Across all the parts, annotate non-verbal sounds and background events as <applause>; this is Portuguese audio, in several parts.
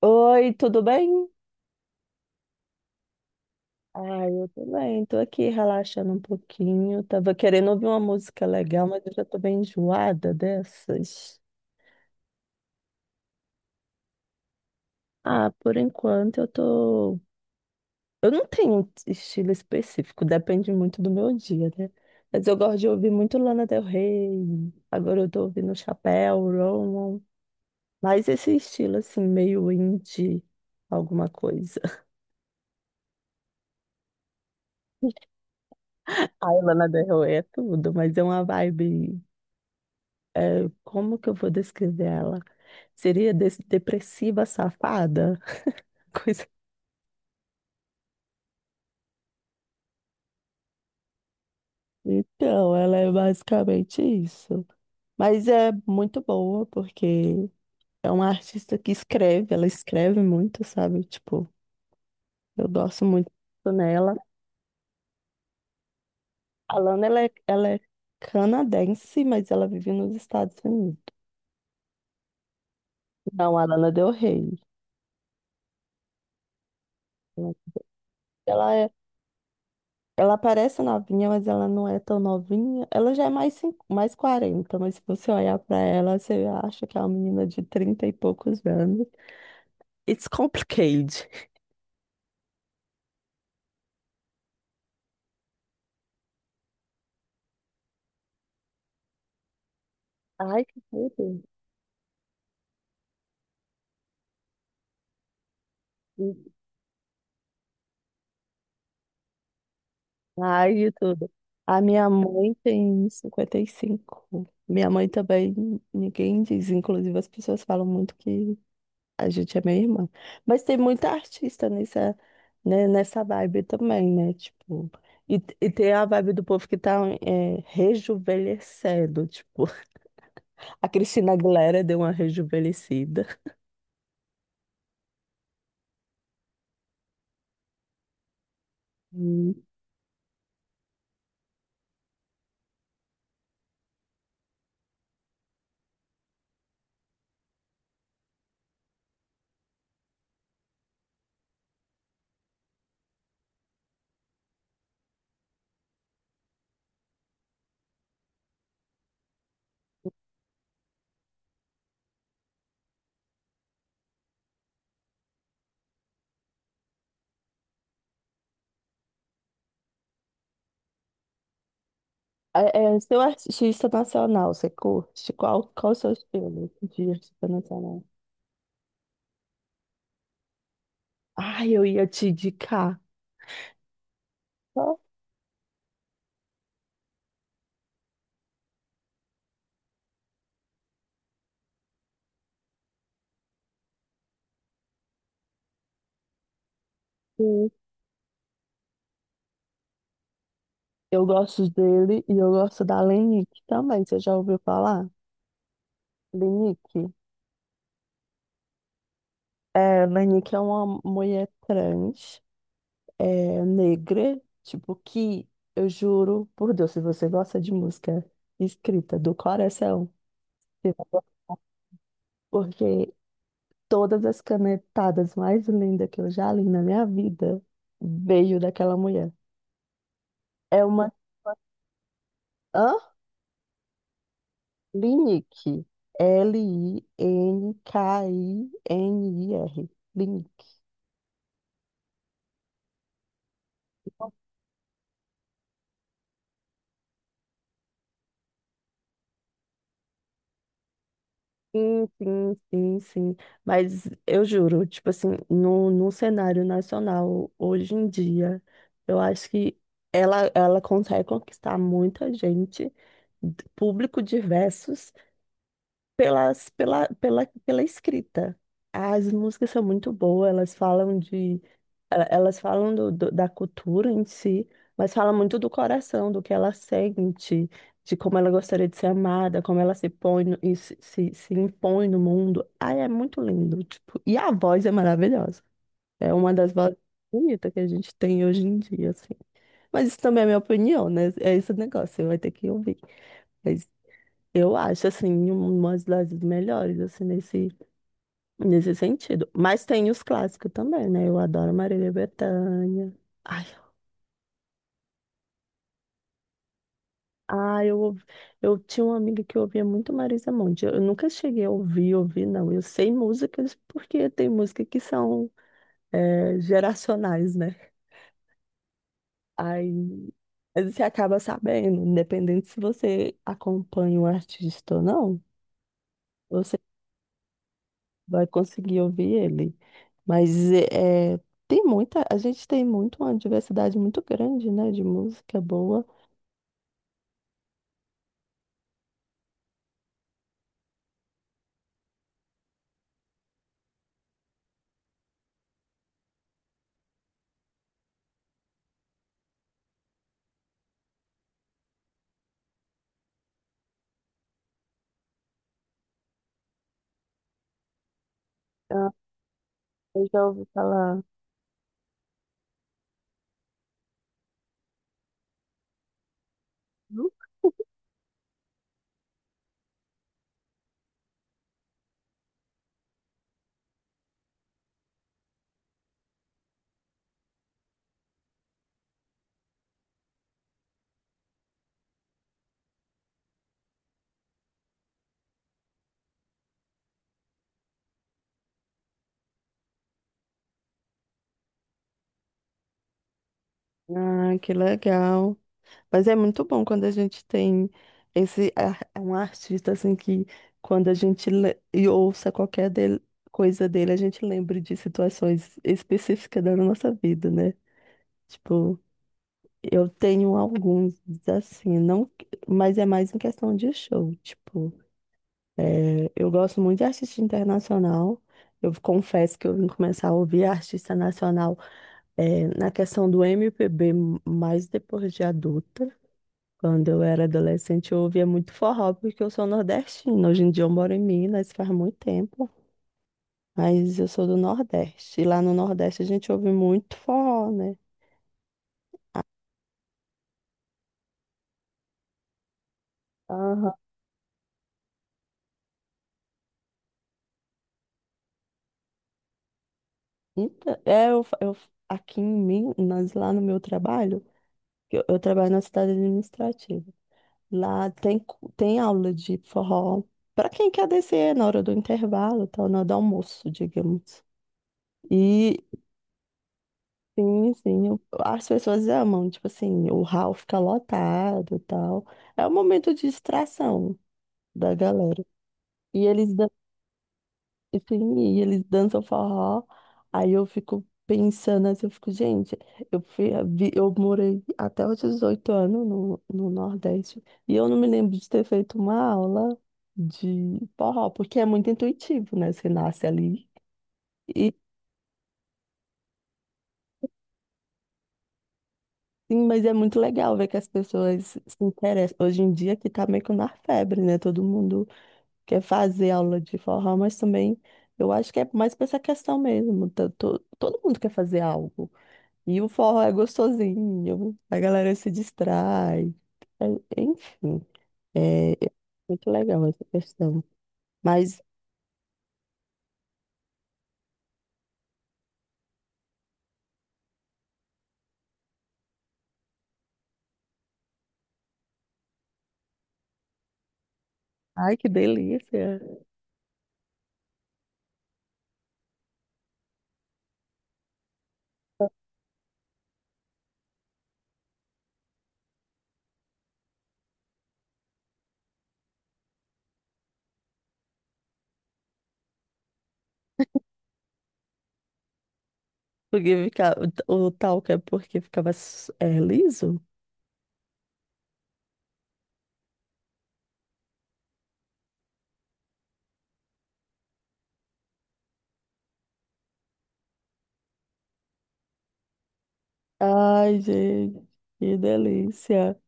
Oi, tudo bem? Ah, eu tô bem, tô aqui relaxando um pouquinho. Tava querendo ouvir uma música legal, mas eu já tô bem enjoada dessas. Ah, por enquanto eu tô. Eu não tenho um estilo específico, depende muito do meu dia, né? Mas eu gosto de ouvir muito Lana Del Rey. Agora eu tô ouvindo Chapéu, Roman. Mas esse estilo, assim, meio indie, alguma coisa. <laughs> Ai, Lana Del Rey é tudo, mas é uma vibe. É, como que eu vou descrever ela? Seria depressiva safada? <laughs> Coisa. Então, ela é basicamente isso. Mas é muito boa, porque é uma artista que escreve, ela escreve muito, sabe? Tipo, eu gosto muito nela. A Lana, ela é canadense, mas ela vive nos Estados Unidos. Não, a Lana Del Rey. Ela é Ela parece novinha, mas ela não é tão novinha. Ela já é mais 40, mas se você olhar pra ela, você acha que é uma menina de 30 e poucos anos. It's complicated. Ai, que tudo. Ai, de tudo. A minha mãe tem 55. Minha mãe também, ninguém diz. Inclusive, as pessoas falam muito que a gente é meio irmã. Mas tem muita artista nessa, né, nessa vibe também, né? Tipo, e tem a vibe do povo que tá rejuvenescendo. Tipo, <laughs> a Cristina Aguilera deu uma rejuvenescida. Hum. É, seu artista nacional, você curte? Qual o seu estilo de artista nacional? Ai, eu ia te indicar. Só que eu gosto dele e eu gosto da Lenique também. Você já ouviu falar? Lenique? É, Lanik é uma mulher trans, é, negra, tipo, que eu juro por Deus, se você gosta de música escrita do coração, você vai gostar, porque todas as canetadas mais lindas que eu já li na minha vida veio daquela mulher. É uma. Hã? Linick. Linkinir. Linick. Sim, sim, sim, sim. Mas eu juro, tipo assim, no cenário nacional, hoje em dia, eu acho que ela consegue conquistar muita gente, público diversos, pela escrita. As músicas são muito boas, elas falam da cultura em si, mas falam muito do coração, do que ela sente, de como ela gostaria de ser amada, como ela se põe e se impõe no mundo. Ai, é muito lindo, tipo, e a voz é maravilhosa. É uma das vozes bonitas que a gente tem hoje em dia, assim. Mas isso também é minha opinião, né? É esse negócio, você vai ter que ouvir. Mas eu acho, assim, uma das melhores, assim, nesse sentido. Mas tem os clássicos também, né? Eu adoro Marília Bethânia. Ai, ai, eu tinha uma amiga que ouvia muito Marisa Monte. Eu nunca cheguei a ouvir, ouvir, não. Eu sei músicas porque tem músicas que são geracionais, né? Aí você acaba sabendo, independente se você acompanha o artista ou não. Você vai conseguir ouvir ele. Mas tem muita, a gente tem muito uma diversidade muito grande, né, de música boa. Ah, eu já ouvi falar. Hum? Ah, que legal. Mas é muito bom quando a gente tem um artista assim que quando a gente ouça qualquer coisa dele, a gente lembra de situações específicas da nossa vida, né? Tipo, eu tenho alguns assim, não, mas é mais em questão de show, tipo. É, eu gosto muito de artista internacional. Eu confesso que eu vim começar a ouvir artista nacional na questão do MPB mais depois de adulta. Quando eu era adolescente, eu ouvia muito forró, porque eu sou nordestina. Hoje em dia eu moro em Minas, faz muito tempo, mas eu sou do Nordeste. E lá no Nordeste a gente ouve muito forró, né? Aham. Então, aqui em Minas, lá no meu trabalho, eu trabalho na cidade administrativa. Lá tem aula de forró para quem quer descer na hora do intervalo, tal, na hora do almoço, digamos. E sim, sim, as pessoas amam, tipo assim, o hall fica lotado, e tal. É um momento de distração da galera. E eles. E sim, e eles dançam forró. Aí eu fico pensando assim, eu fico, gente, eu morei até os 18 anos no Nordeste. E eu não me lembro de ter feito uma aula de forró, porque é muito intuitivo, né? Você nasce ali. E sim, mas é muito legal ver que as pessoas se interessam. Hoje em dia que tá meio que na febre, né? Todo mundo quer fazer aula de forró, mas também eu acho que é mais pra essa questão mesmo. Todo mundo quer fazer algo. E o forró é gostosinho, a galera se distrai. É- Enfim, é muito legal essa questão. Mas, ai, que delícia! Porque fica, o talco é porque ficava liso? Ai, gente, que delícia!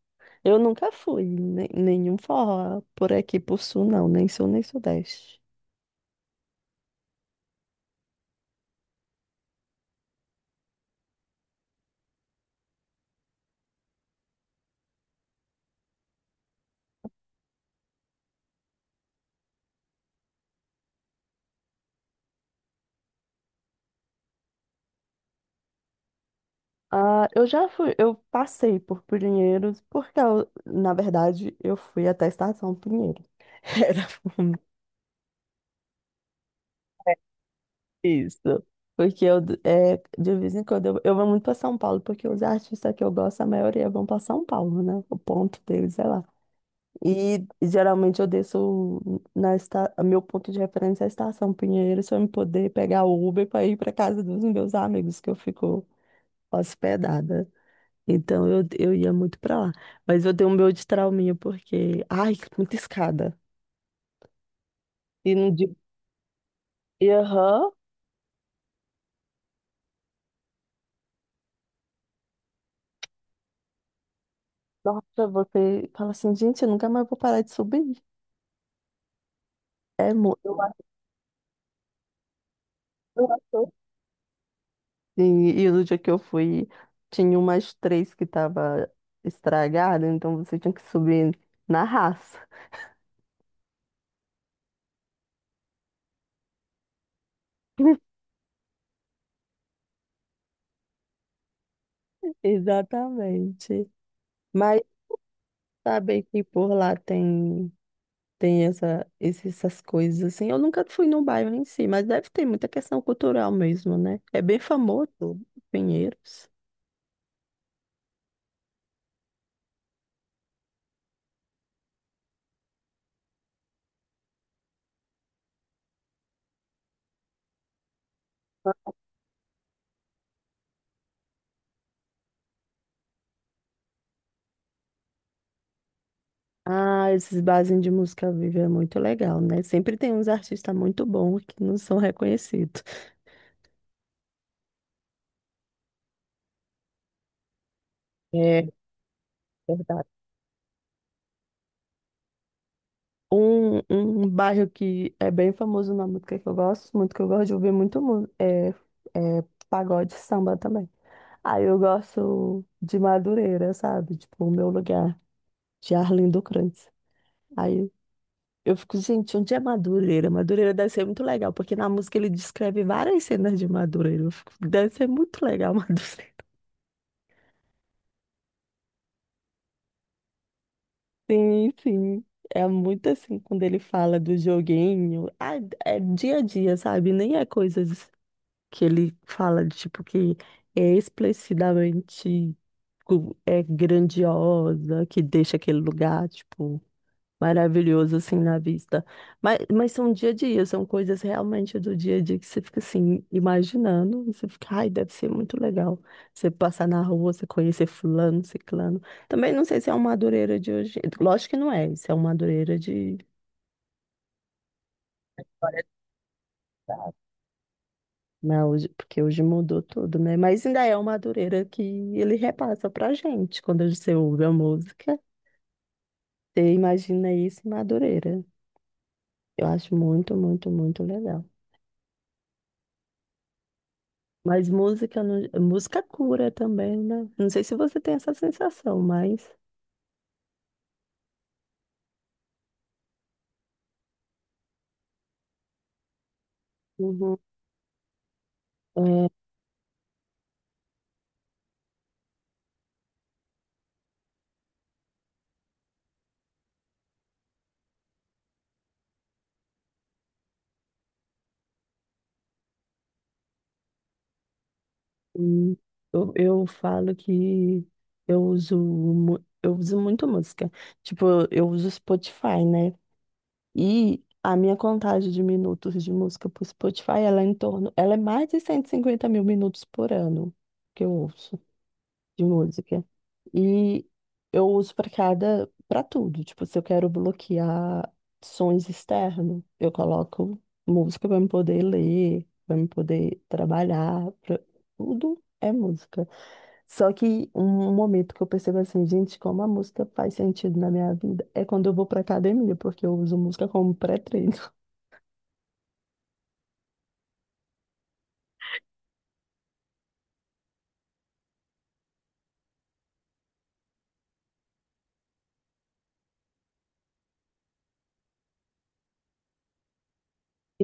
Eu nunca fui em nenhum forró por aqui, por sul, não, nem sul, nem sudeste. Ah, eu já fui, eu passei por Pinheiros, porque na verdade eu fui até a Estação Pinheiros. <laughs> Era. Isso. Porque de vez em quando, eu vou muito para São Paulo, porque os artistas que eu gosto, a maioria vão para São Paulo, né? O ponto deles é lá. E geralmente eu desço meu ponto de referência é a Estação Pinheiros, para eu poder pegar o Uber para ir para casa dos meus amigos, que eu fico hospedada. Então eu ia muito para lá. Mas eu dei um meu de trauminha, porque, ai, muita escada. E no dia. E, aham, nossa, você fala assim, gente, eu nunca mais vou parar de subir. É, eu acho assim. E no dia que eu fui, tinha umas três que tava estragada, então você tinha que subir na raça. <laughs> Exatamente. Mas saber que por lá tem essa, essas coisas assim. Eu nunca fui no bairro em si, mas deve ter muita questão cultural mesmo, né? É bem famoso, Pinheiros. Ah, esses barzinhos de música viva é muito legal, né? Sempre tem uns artistas muito bons que não são reconhecidos. É verdade. Um bairro que é bem famoso na música que eu gosto muito, que eu gosto de ouvir muito é pagode e samba também. Aí eu gosto de Madureira, sabe? Tipo, o meu lugar, de Arlindo Crantz. Aí eu fico, gente, onde é Madureira? Madureira deve ser muito legal, porque na música ele descreve várias cenas de Madureira. Eu fico, deve ser muito legal, <laughs> Madureira. Sim, sim. É muito assim quando ele fala do joguinho. Ah, é dia a dia, sabe? Nem é coisas. Que ele fala de tipo que é explicitamente tipo, é grandiosa, que deixa aquele lugar tipo maravilhoso assim na vista. Mas são dia a dia, são coisas realmente do dia a dia que você fica assim imaginando, e você fica, ai, deve ser muito legal. Você passar na rua, você conhecer fulano, ciclano. Também não sei se é uma madureira de hoje. Lógico que não é, isso é uma madureira de. Mas hoje, porque hoje mudou tudo, né? Mas ainda é uma Madureira que ele repassa pra gente. Quando você ouve a música, você imagina isso em Madureira. Eu acho muito, muito, muito legal. Mas música, música cura também, né? Não sei se você tem essa sensação, mas. Uhum. é, hum, eu falo que eu uso muito música. Tipo, eu uso Spotify, né? E a minha contagem de minutos de música para o Spotify, ela é em torno, ela é mais de 150.000 minutos por ano que eu ouço de música. E eu uso para tudo. Tipo, se eu quero bloquear sons externos, eu coloco música para me poder ler, para me poder trabalhar, pra. Tudo é música. Só que um momento que eu percebo assim, gente, como a música faz sentido na minha vida é quando eu vou pra academia, porque eu uso música como pré-treino. <laughs>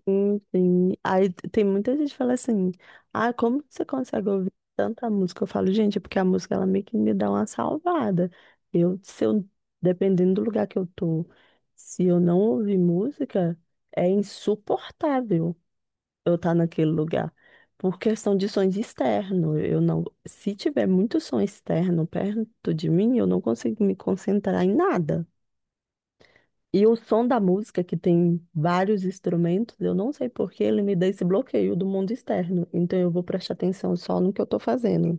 Sim, sim. Aí tem muita gente que fala assim, ah, como que você consegue ouvir tanta música? Eu falo, gente, é porque a música ela meio que me dá uma salvada. Eu, se eu, dependendo do lugar que eu tô, se eu não ouvir música, é insuportável. Eu estar naquele lugar. Por questão de sons externos, eu não, se tiver muito som externo perto de mim, eu não consigo me concentrar em nada. E o som da música, que tem vários instrumentos, eu não sei por que ele me dá esse bloqueio do mundo externo. Então eu vou prestar atenção só no que eu estou fazendo,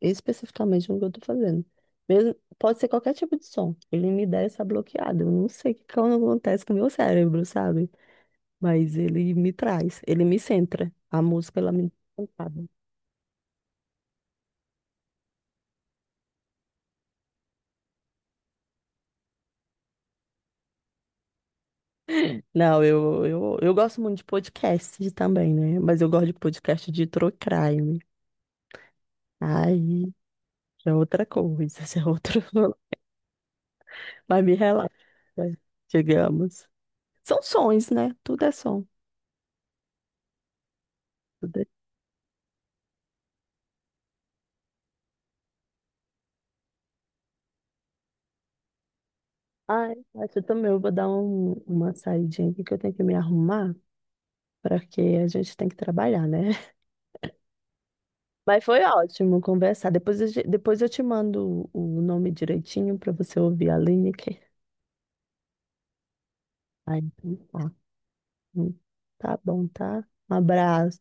especificamente no que eu estou fazendo. Mesmo, pode ser qualquer tipo de som, ele me dá essa bloqueada. Eu não sei o que que acontece com o meu cérebro, sabe? Mas ele me traz, ele me centra. A música, ela me centra. Não, eu gosto muito de podcast também, né? Mas eu gosto de podcast de true crime. Aí, já é outra coisa, <laughs> já é outro. <laughs> Mas me relaxa, digamos. São sons, né? Tudo é som. Tudo é. Ai, mas eu também eu vou dar uma saidinha aqui que eu tenho que me arrumar, porque a gente tem que trabalhar, né? Mas foi ótimo conversar. Depois eu te mando o nome direitinho para você ouvir a Lineker. Aí, então tá. Tá bom, tá? Um abraço.